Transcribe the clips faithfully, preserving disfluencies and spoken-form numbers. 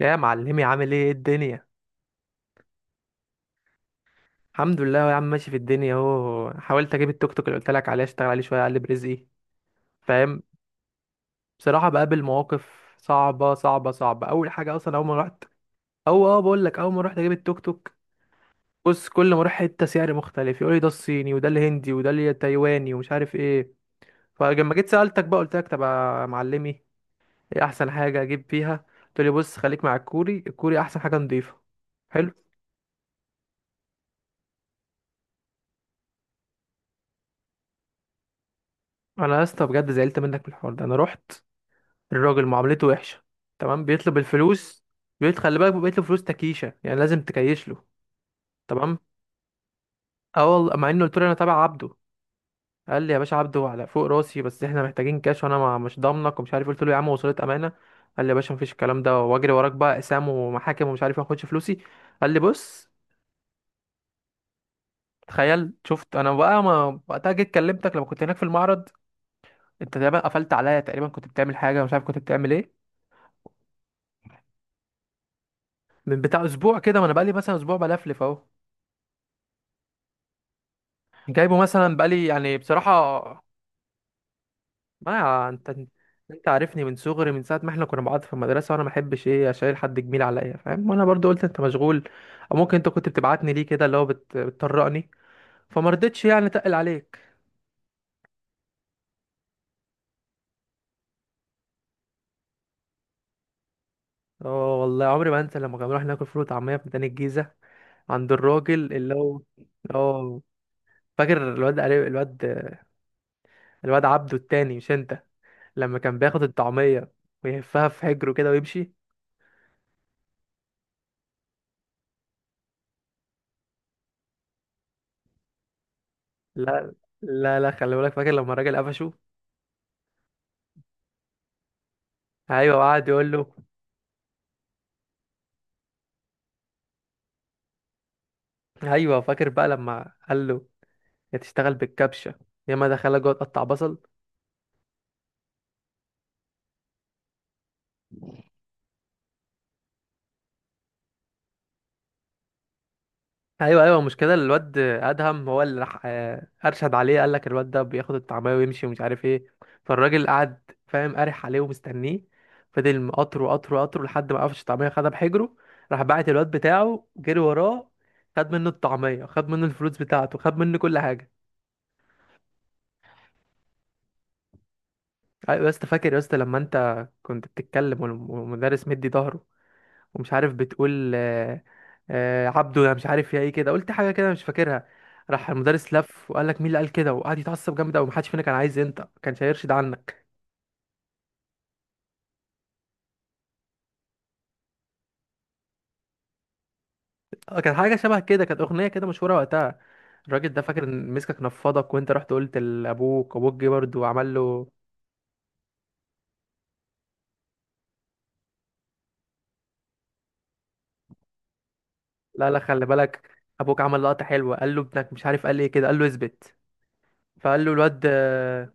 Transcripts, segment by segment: يا معلمي، عامل ايه؟ إيه الدنيا؟ الحمد لله يا عم، ماشي في الدنيا اهو. حاولت اجيب التوك توك اللي قلت لك عليه، اشتغل عليه شويه اقلب رزقي، فاهم. بصراحه بقابل مواقف صعبه صعبه صعبه. اول حاجه اصلا اول ما رحت. او اه بقول لك اول ما رحت اجيب التوك توك، بص كل ما اروح حته سعر مختلف، يقول لي ده الصيني وده الهندي وده التايواني ومش عارف ايه. فلما جيت سالتك بقى، قلت لك طب يا معلمي ايه احسن حاجه اجيب فيها؟ قلت لي بص، خليك مع الكوري، الكوري احسن حاجه، نضيفه. حلو. انا يا اسطى بجد زعلت منك من الحوار ده. انا رحت، الراجل معاملته وحشه. تمام، بيطلب الفلوس، بيطلب خلي بالك، بيطلب فلوس تكيشه، يعني لازم تكيش له. تمام. اه والله، مع انه قلت له انا تابع عبده، قال لي يا باشا عبده على فوق راسي، بس احنا محتاجين كاش، وانا ما- مش ضامنك ومش عارف. قلت له يا عم وصلت امانه. قال لي يا باشا مفيش الكلام ده، واجري وراك بقى اقسام ومحاكم ومش عارف. ما اخدش فلوسي. قال لي بص. تخيل، شفت انا بقى. ما وقتها جيت كلمتك لما كنت هناك في المعرض، انت تقريبا قفلت عليا، تقريبا كنت بتعمل حاجه، مش عارف كنت بتعمل ايه. من بتاع اسبوع كده، ما انا بقالي مثلا اسبوع بلفلف اهو، جايبه مثلا بقالي، يعني بصراحة. ما انت، انت عارفني من صغري، من ساعة ما احنا كنا مع بعض في المدرسة، وانا ما احبش ايه، اشيل حد جميل عليا فاهم، وانا برضو قلت انت مشغول، او ممكن انت كنت بتبعتني ليه كده اللي هو بت... بتطرقني، فما رضيتش يعني اتقل عليك. اه والله عمري ما انسى لما كنا بنروح ناكل فول وطعمية في ميدان الجيزة، عند الراجل اللي هو. اه، فاكر الواد علي... الواد، الواد عبده التاني مش انت، لما كان بياخد الطعمية ويهفها في حجره كده ويمشي. لا لا لا، خلي بالك، فاكر لما الراجل قفشه؟ ايوه، وقعد يقول له. ايوه، فاكر بقى لما قال له يا تشتغل بالكبشه، يا ما دخلها جوه تقطع بصل. ايوه ايوه، مش كده، الواد ادهم هو اللي راح آه، ارشد عليه، قال لك الواد ده بياخد الطعميه ويمشي ومش عارف ايه. فالراجل قعد فاهم قارح عليه ومستنيه، فضل مقطره قطره قطره لحد ما قفش الطعميه خدها بحجره، راح بعت الواد بتاعه جري وراه، خد منه الطعميه، خد منه الفلوس بتاعته، خد منه كل حاجه. ايوه يا اسطى، فاكر يا اسطى لما انت كنت بتتكلم والمدرس مدي ظهره، ومش عارف بتقول آه، آه، عبده، انا مش عارف يا ايه كده، قلت حاجه كده مش فاكرها، راح المدرس لف وقال لك مين اللي قال كده؟ وقعد يتعصب جامد قوي، محدش فينا كان عايز، انت ما كانش هيرشد عنك. آه، كان حاجه شبه كده، كانت اغنيه كده مشهوره وقتها. الراجل ده فاكر ان مسكك نفضك، وانت رحت قلت لابوك، ابوك جه برضه وعمل له. لا لا، خلي بالك، ابوك عمل لقطه حلوه، قال له ابنك مش عارف قال ايه كده، قال له اثبت، فقال له الواد آه.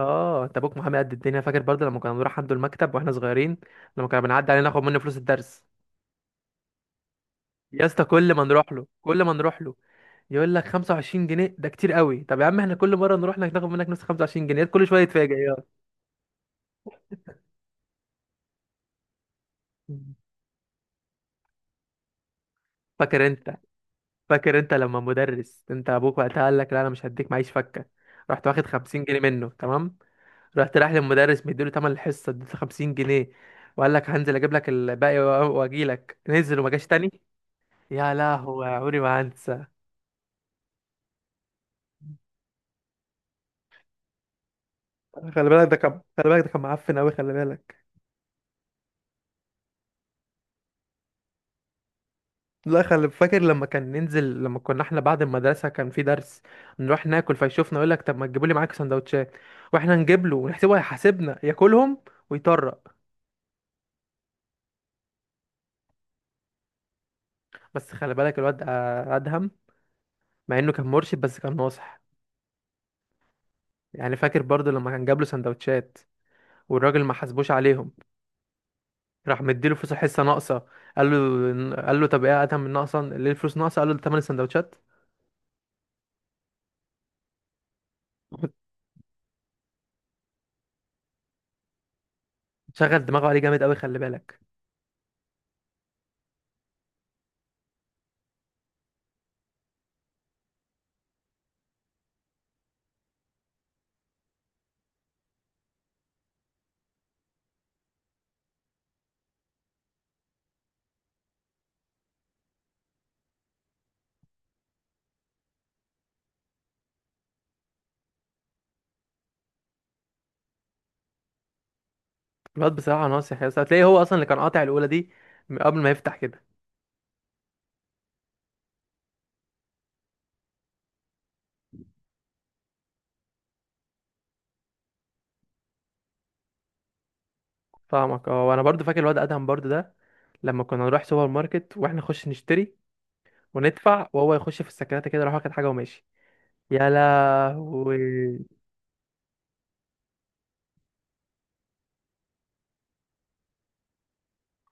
آه، انت ابوك محامي قد الدنيا، فاكر برضه لما كنا بنروح عنده المكتب واحنا صغيرين، لما كنا بنعدي عليه ناخد منه فلوس الدرس. يا اسطى، كل ما نروح له كل ما نروح له يقول لك خمسة وعشرين جنيه ده كتير قوي. طب يا عم احنا كل مره نروح لك ناخد منك نفس خمسة وعشرون جنيها، كل شويه يتفاجئ. يا فاكر انت فاكر انت لما مدرس، انت ابوك وقتها قال لك لا انا مش هديك، معيش فكه، رحت واخد خمسين جنيه منه تمام، رحت رايح للمدرس مديله تمن الحصه، اديته خمسين جنيه، وقال لك هنزل اجيب لك الباقي واجي لك، نزل وما جاش تاني. يا لهوي عمري ما هنسى. خلي بالك ده كان، خلي بالك ده كان معفن قوي، خلي بالك. لا خلي فاكر لما كان ننزل، لما كنا احنا بعد المدرسة كان في درس، نروح ناكل فيشوفنا، يقول لك طب ما تجيبوا لي معاك سندوتشات، واحنا نجيب له ونحسبه هيحاسبنا، ياكلهم ويطرق. بس خلي بالك، الواد آه، ادهم، مع انه كان مرشد بس كان ناصح، يعني فاكر برضو لما كان جاب له سندوتشات والراجل ما حاسبوش عليهم، راح مديله فلوس حصة ناقصة، قال له، قال له طب ايه يا ادهم الناقصة ليه، الفلوس ناقصة؟ قال له ده تمن السندوتشات. شغل دماغه عليه جامد قوي، خلي بالك. الواد بصراحة ناصح يا اسطى، هتلاقيه هو أصلا اللي كان قاطع الأولى دي من قبل ما يفتح كده. فاهمك. اه، وأنا برضو فاكر الواد أدهم برضو ده، لما كنا نروح سوبر ماركت وإحنا نخش نشتري وندفع، وهو يخش في السكرات كده، يروح واخد حاجة وماشي. يا لهوي.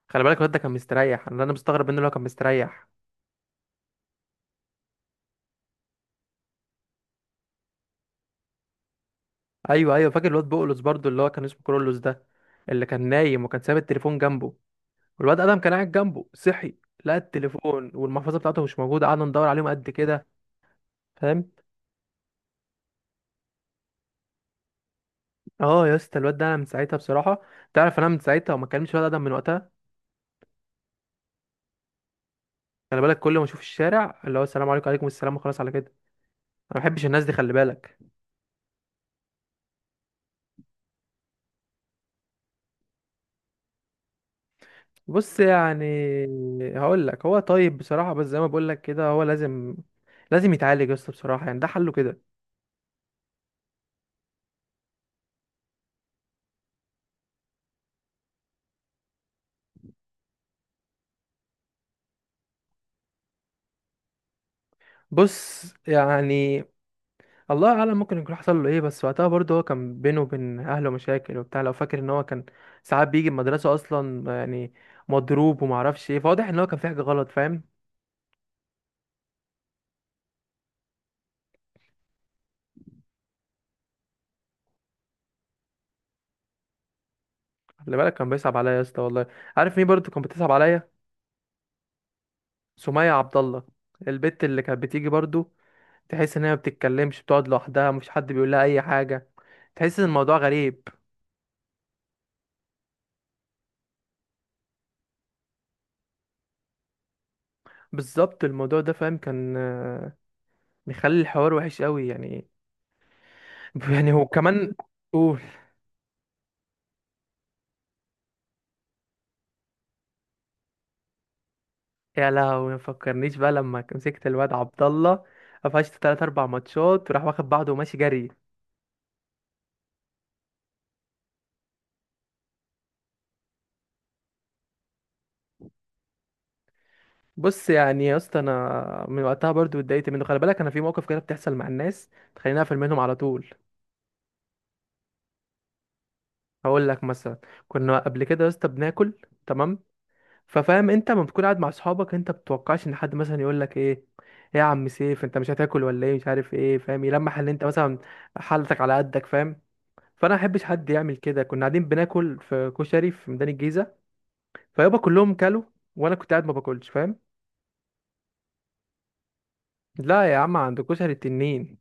خلي بالك الواد ده كان مستريح، أنا أنا مستغرب منه، اللي هو كان مستريح. أيوه أيوه، فاكر الواد بقولوس برضو، اللي هو كان اسمه كرولوس ده، اللي كان نايم وكان ساب التليفون جنبه، والواد أدهم كان قاعد جنبه، صحي لقى التليفون والمحفظة بتاعته مش موجودة، قعدنا ندور عليهم قد كده، فاهم. اه يا اسطى، الواد ده انا من ساعتها بصراحه، تعرف انا من ساعتها وما كلمتش ولا ادم من وقتها. خلي بالك كل ما اشوف الشارع، اللي هو السلام عليكم وعليكم السلام وخلاص، على كده. انا ما بحبش الناس دي، خلي بالك. بص يعني، هقول لك هو طيب بصراحه، بس زي ما بقول لك كده، هو لازم لازم يتعالج يا اسطى بصراحه، يعني ده حله كده. بص يعني، الله اعلم ممكن يكون حصل له ايه، بس وقتها برضه هو كان بينه وبين اهله مشاكل وبتاع، لو فاكر ان هو كان ساعات بيجي المدرسه اصلا يعني مضروب، ومعرفش ايه، فواضح ان هو كان في حاجه غلط، فاهم. خلي بالك كان بيصعب عليا يا اسطى والله. عارف مين برضو كان بتصعب عليا؟ سمية عبد الله، البت اللي كانت بتيجي برضو، تحس ان هي ما بتتكلمش، بتقعد لوحدها، مفيش حد بيقول لها اي حاجه، تحس ان الموضوع غريب. بالظبط، الموضوع ده فاهم كان آه، مخلي الحوار وحش قوي يعني. يعني هو كمان. قول. يا لهوي، ما فكرنيش بقى لما مسكت الواد عبد الله، قفشت تلات اربع ماتشات، وراح واخد بعضه وماشي جري. بص يعني يا اسطى، انا من وقتها برضو اتضايقت منه، خلي بالك انا في موقف كده بتحصل مع الناس تخليني اقفل منهم على طول. هقول لك مثلا. كنا قبل كده يا اسطى بناكل، تمام، ففاهم انت لما بتكون قاعد مع اصحابك انت بتتوقعش ان حد مثلا يقول لك ايه، ايه يا عم سيف انت مش هتاكل ولا ايه، مش عارف ايه فاهم، يلمح ان انت مثلا حالتك على قدك، فاهم. فانا ما احبش حد يعمل كده. كنا قاعدين بناكل في كشري في ميدان الجيزه. فيابا كلهم كلوا، وانا كنت قاعد ما باكلش، فاهم. لا يا عم، عند كشري التنين.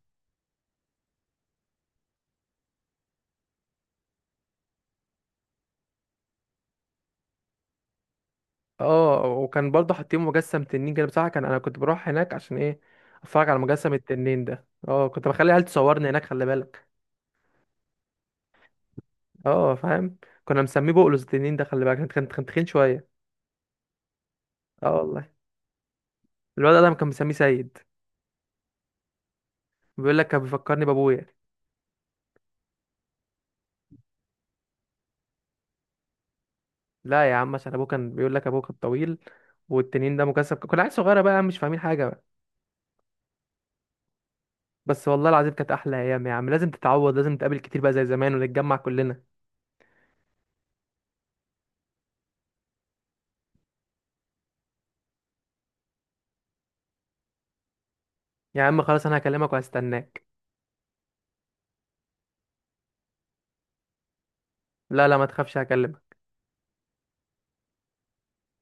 اه، وكان برضه حاطين مجسم تنين كده، بصراحه كان، انا كنت بروح هناك عشان ايه، اتفرج على مجسم التنين ده، اه كنت بخلي عيال تصورني هناك، خلي بالك. اه فاهم. كنا مسميه بقلوز التنين ده، خلي بالك كان كان تخين شويه. اه والله. الولد ده كان مسميه سيد، بيقول لك كان بيفكرني بابويا. لا يا عم، عشان ابوه، كان بيقول لك ابوه كان طويل، والتنين ده مجسم، كنا عيال صغيره بقى مش فاهمين حاجه بقى. بس والله العظيم كانت احلى ايام يا عم، لازم تتعوض، لازم نتقابل كتير بقى زي زمان ونتجمع كلنا. يا عم خلاص، انا هكلمك وهستناك. لا لا ما تخافش، هكلمك.